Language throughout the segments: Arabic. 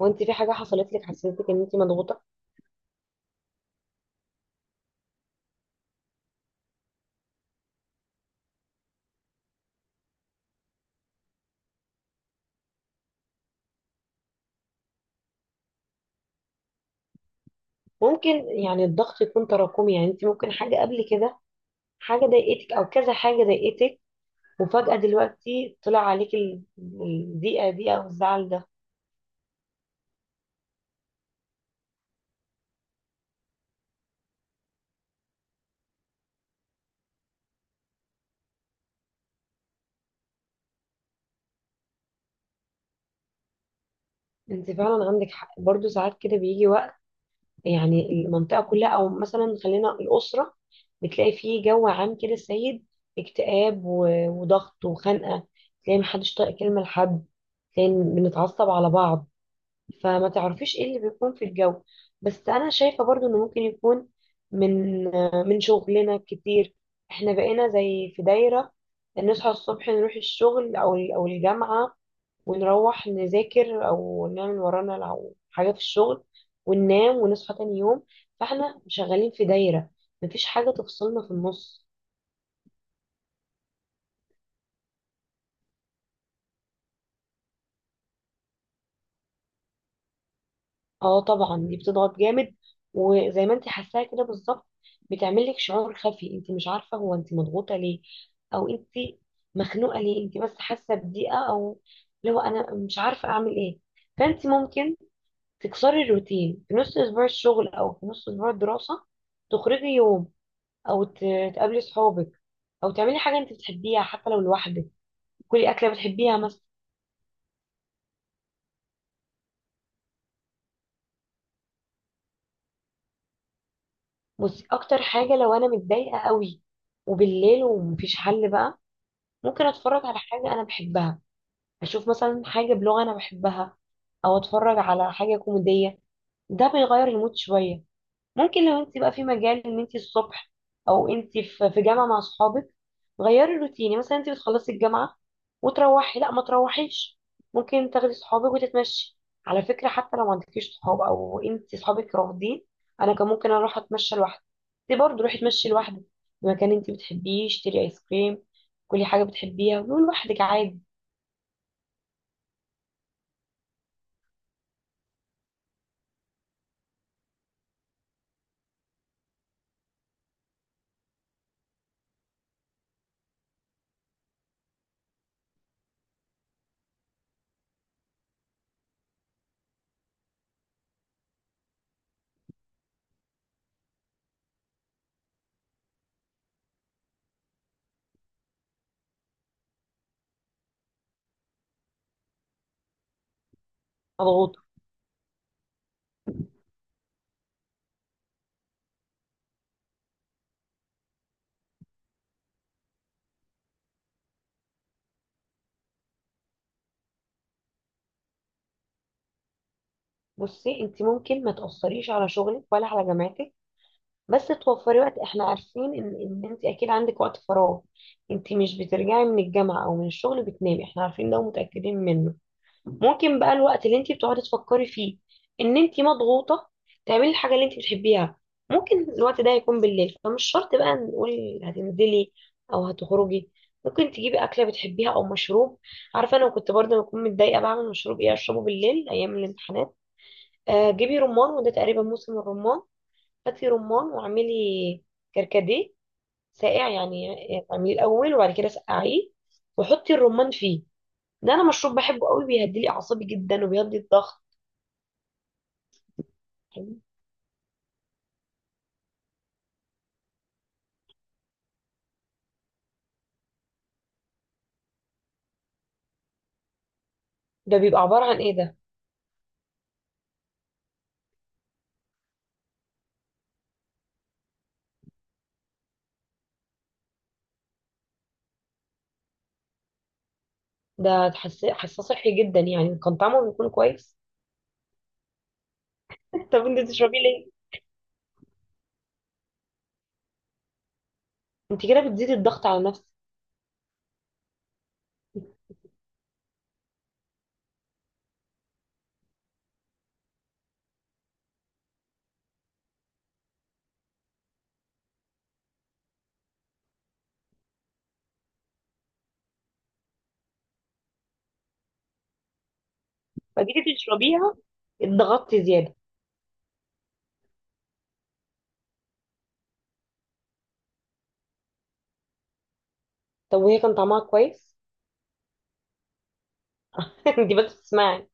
وانت في حاجة حصلت لك حسيتك ان انت مضغوطة؟ ممكن، يعني الضغط يكون تراكمي. يعني انت ممكن حاجة قبل كده، حاجة ضايقتك او كذا حاجة ضايقتك، وفجأة دلوقتي طلع عليك الضيقة دي او الزعل ده. انت فعلا عندك حق، برضو ساعات كده بيجي وقت يعني المنطقة كلها، او مثلا خلينا الأسرة، بتلاقي فيه جو عام كده سيد اكتئاب وضغط وخنقة، تلاقي محدش طايق كلمة لحد، تلاقي بنتعصب على بعض، فما تعرفيش ايه اللي بيكون في الجو. بس انا شايفة برضو انه ممكن يكون من من شغلنا كتير، احنا بقينا زي في دايرة، نصحى الصبح نروح الشغل او الجامعة، ونروح نذاكر او نعمل ورانا لو حاجة في الشغل، وننام ونصحى تاني يوم. فاحنا شغالين في دايرة، مفيش حاجة تفصلنا في النص. اه طبعا دي بتضغط جامد، وزي ما انت حاساها كده بالظبط، بتعمل لك شعور خفي، انت مش عارفه هو انت مضغوطه ليه او انت مخنوقه ليه، انت بس حاسه بضيقه، او لو انا مش عارفه اعمل ايه فانت ممكن تكسري الروتين في نص اسبوع الشغل او في نص اسبوع الدراسه، تخرجي يوم، او تقابلي صحابك، او تعملي حاجه انت بتحبيها حتى لو لوحدك، كلي اكله بتحبيها مثلا. بصي، اكتر حاجه لو انا متضايقه قوي وبالليل ومفيش حل بقى، ممكن اتفرج على حاجة انا بحبها، اشوف مثلا حاجة بلغة انا بحبها، او اتفرج على حاجة كوميدية، ده بيغير المود شوية. ممكن لو انت بقى في مجال ان انت الصبح او انت في جامعه مع اصحابك، غيري الروتين، يعني مثلا انت بتخلصي الجامعه وتروحي، لا، ما تروحيش، ممكن تاخدي صحابك وتتمشي. على فكره، حتى لو ما عندكيش صحاب او انت صحابك رافضين، انا كان ممكن اروح اتمشى لوحدي، انت برضه روحي اتمشي لوحدك في مكان انت بتحبيه، اشتري ايس كريم، كلي حاجه بتحبيها ولوحدك عادي. مضغوطه. بصي، انت ممكن ما تاثريش على شغلك ولا على جامعتك، بس توفري وقت، احنا عارفين ان انت اكيد عندك وقت فراغ، انت مش بترجعي من الجامعه او من الشغل بتنامي، احنا عارفين ده ومتاكدين منه. ممكن بقى الوقت اللي انت بتقعدي تفكري فيه ان انت مضغوطه، تعملي الحاجه اللي انت بتحبيها. ممكن الوقت ده يكون بالليل، فمش شرط بقى نقول هتنزلي او هتخرجي، ممكن تجيبي اكله بتحبيها او مشروب. عارفه، انا كنت برضه بكون متضايقه، بعمل مشروب ايه اشربه بالليل ايام الامتحانات؟ آه، جيبي رمان، وده تقريبا موسم الرمان، هاتي رمان واعملي كركديه ساقع يعني، اعمليه الاول وبعد كده سقعيه، وحطي الرمان فيه. ده انا مشروب بحبه قوي، بيهدي لي اعصابي جدا وبيهدي الضغط. ده بيبقى عباره عن ايه ده؟ ده حساسه صحي جدا، يعني كان طعمه بيكون كويس؟ طب انت بتشربيه ليه؟ انت كده بتزيدي الضغط على نفسك. فجيتي تشربيها اتضغطتي زياده؟ طب وهي كان طعمها كويس؟ انت بس تسمعي.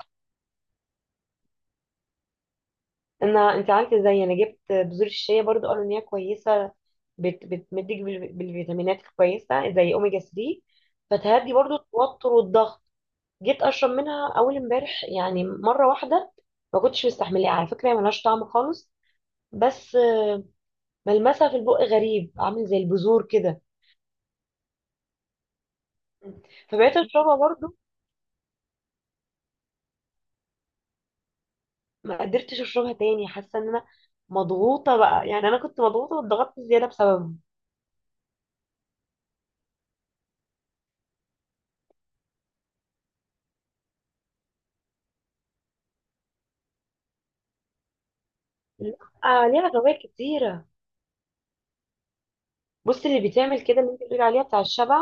انا، انت عارفه ازاي انا جبت بذور الشيا برضو؟ قالوا ان هي كويسه، بتمدك بالفيتامينات كويسه زي اوميجا 3، فتهدي برضو التوتر والضغط. جيت اشرب منها اول امبارح يعني مره واحده، ما كنتش مستحملها، على فكره هي ملهاش طعم خالص، بس ملمسها في البق غريب، عامل زي البذور كده، فبقيت اشربها برضو، ما قدرتش اشربها تاني، حاسه ان انا مضغوطه بقى، يعني انا كنت مضغوطه واتضغطت زياده بسببها. لا. آه، ليها فوائد كتيره. بص، اللي بتعمل كده اللي انت بتقول عليها بتاع الشبع،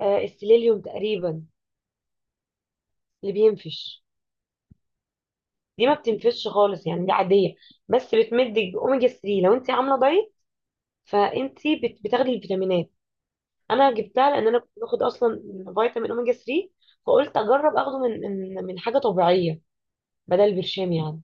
آه السيليليوم تقريبا، اللي بينفش، دي ما بتنفش خالص، يعني دي عاديه، بس بتمدك باوميجا 3 لو انت عامله دايت، فانت بتاخدي الفيتامينات. انا جبتها لان انا كنت باخد اصلا فيتامين اوميجا 3، فقلت اجرب اخده من حاجه طبيعيه، بدل برشام يعني.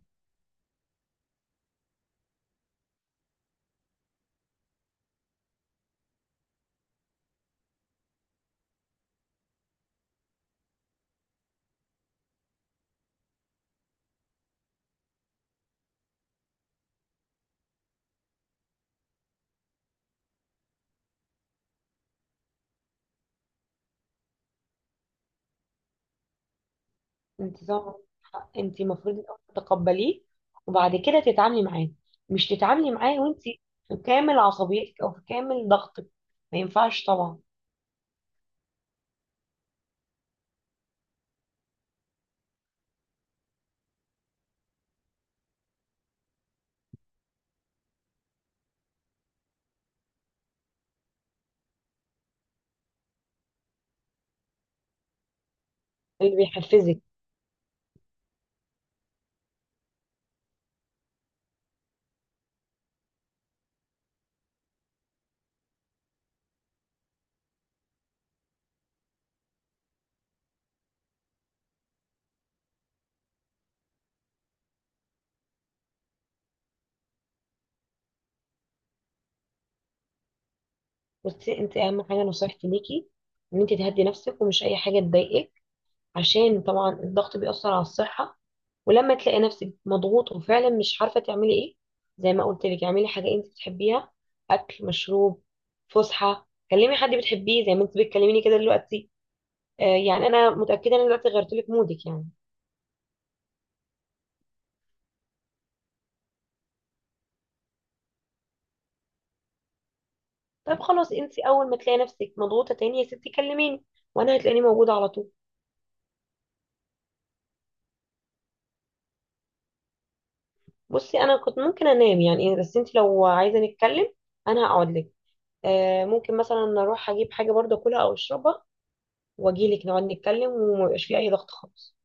انت طبعاً، انت المفروض الاول تتقبليه، وبعد كده تتعاملي معاه، مش تتعاملي معاه وانت في كامل عصبيتك او في كامل ضغطك، ما ينفعش طبعا. اللي بيحفزك. بصي، انت اهم حاجه نصيحتي ليكي، ان انت تهدي نفسك ومش اي حاجه تضايقك، عشان طبعا الضغط بيأثر على الصحه. ولما تلاقي نفسك مضغوط وفعلا مش عارفه تعملي ايه، زي ما قلت لك اعملي حاجه انت بتحبيها، اكل، مشروب، فسحه، كلمي حد بتحبيه زي ما انت بتكلميني كده دلوقتي. آه، يعني انا متاكده ان انا دلوقتي غيرت لك مودك يعني. طب خلاص، انت اول ما تلاقي نفسك مضغوطه تاني يا ستي كلميني، وانا هتلاقيني موجوده على طول. بصي، انا كنت ممكن انام يعني إيه، بس انت لو عايزه نتكلم انا هقعد لك. آه ممكن مثلا اروح اجيب حاجه برضه اكلها او اشربها، واجي لك نقعد نتكلم، وما يبقاش في اي ضغط خالص.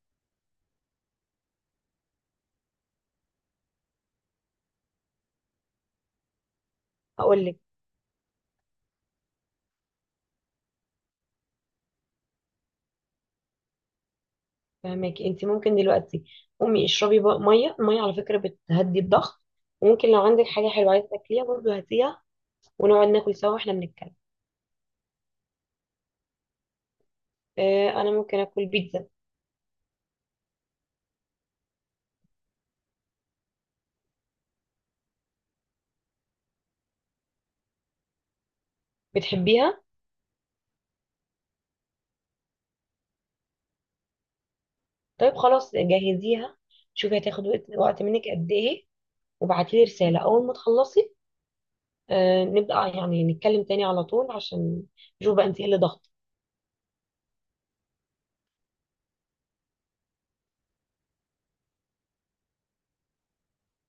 هقول لك. فهماكي، انت ممكن دلوقتي قومي اشربي ميه، الميه على فكره بتهدي الضغط، وممكن لو عندك حاجه حلوه عايزه تاكليها برضه هاتيها، ونقعد ناكل سوا واحنا بنتكلم. آه، انا ممكن اكل بيتزا. بتحبيها؟ طيب خلاص جهزيها، شوفي هتاخد وقت منك قد ايه، وابعتيلي رساله اول ما تخلصي، نبقى يعني نتكلم تاني على طول عشان نشوف بقى انت ايه اللي ضغط.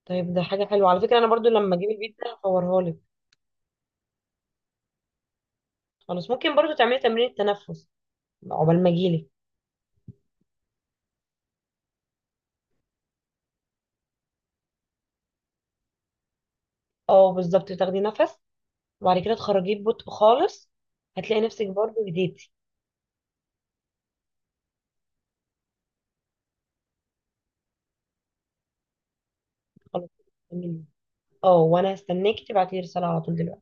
طيب ده حاجة حلوة، على فكرة انا برضو لما اجيب البيتزا هصورها لك. خلاص، ممكن برضو تعملي تمرين التنفس عقبال ما اجيلك. اه بالظبط، تاخدي نفس وبعد كده تخرجيه ببطء خالص، هتلاقي نفسك برضو هديتي. خلاص، اه وانا هستناكي تبعتي لي رسالة على طول دلوقتي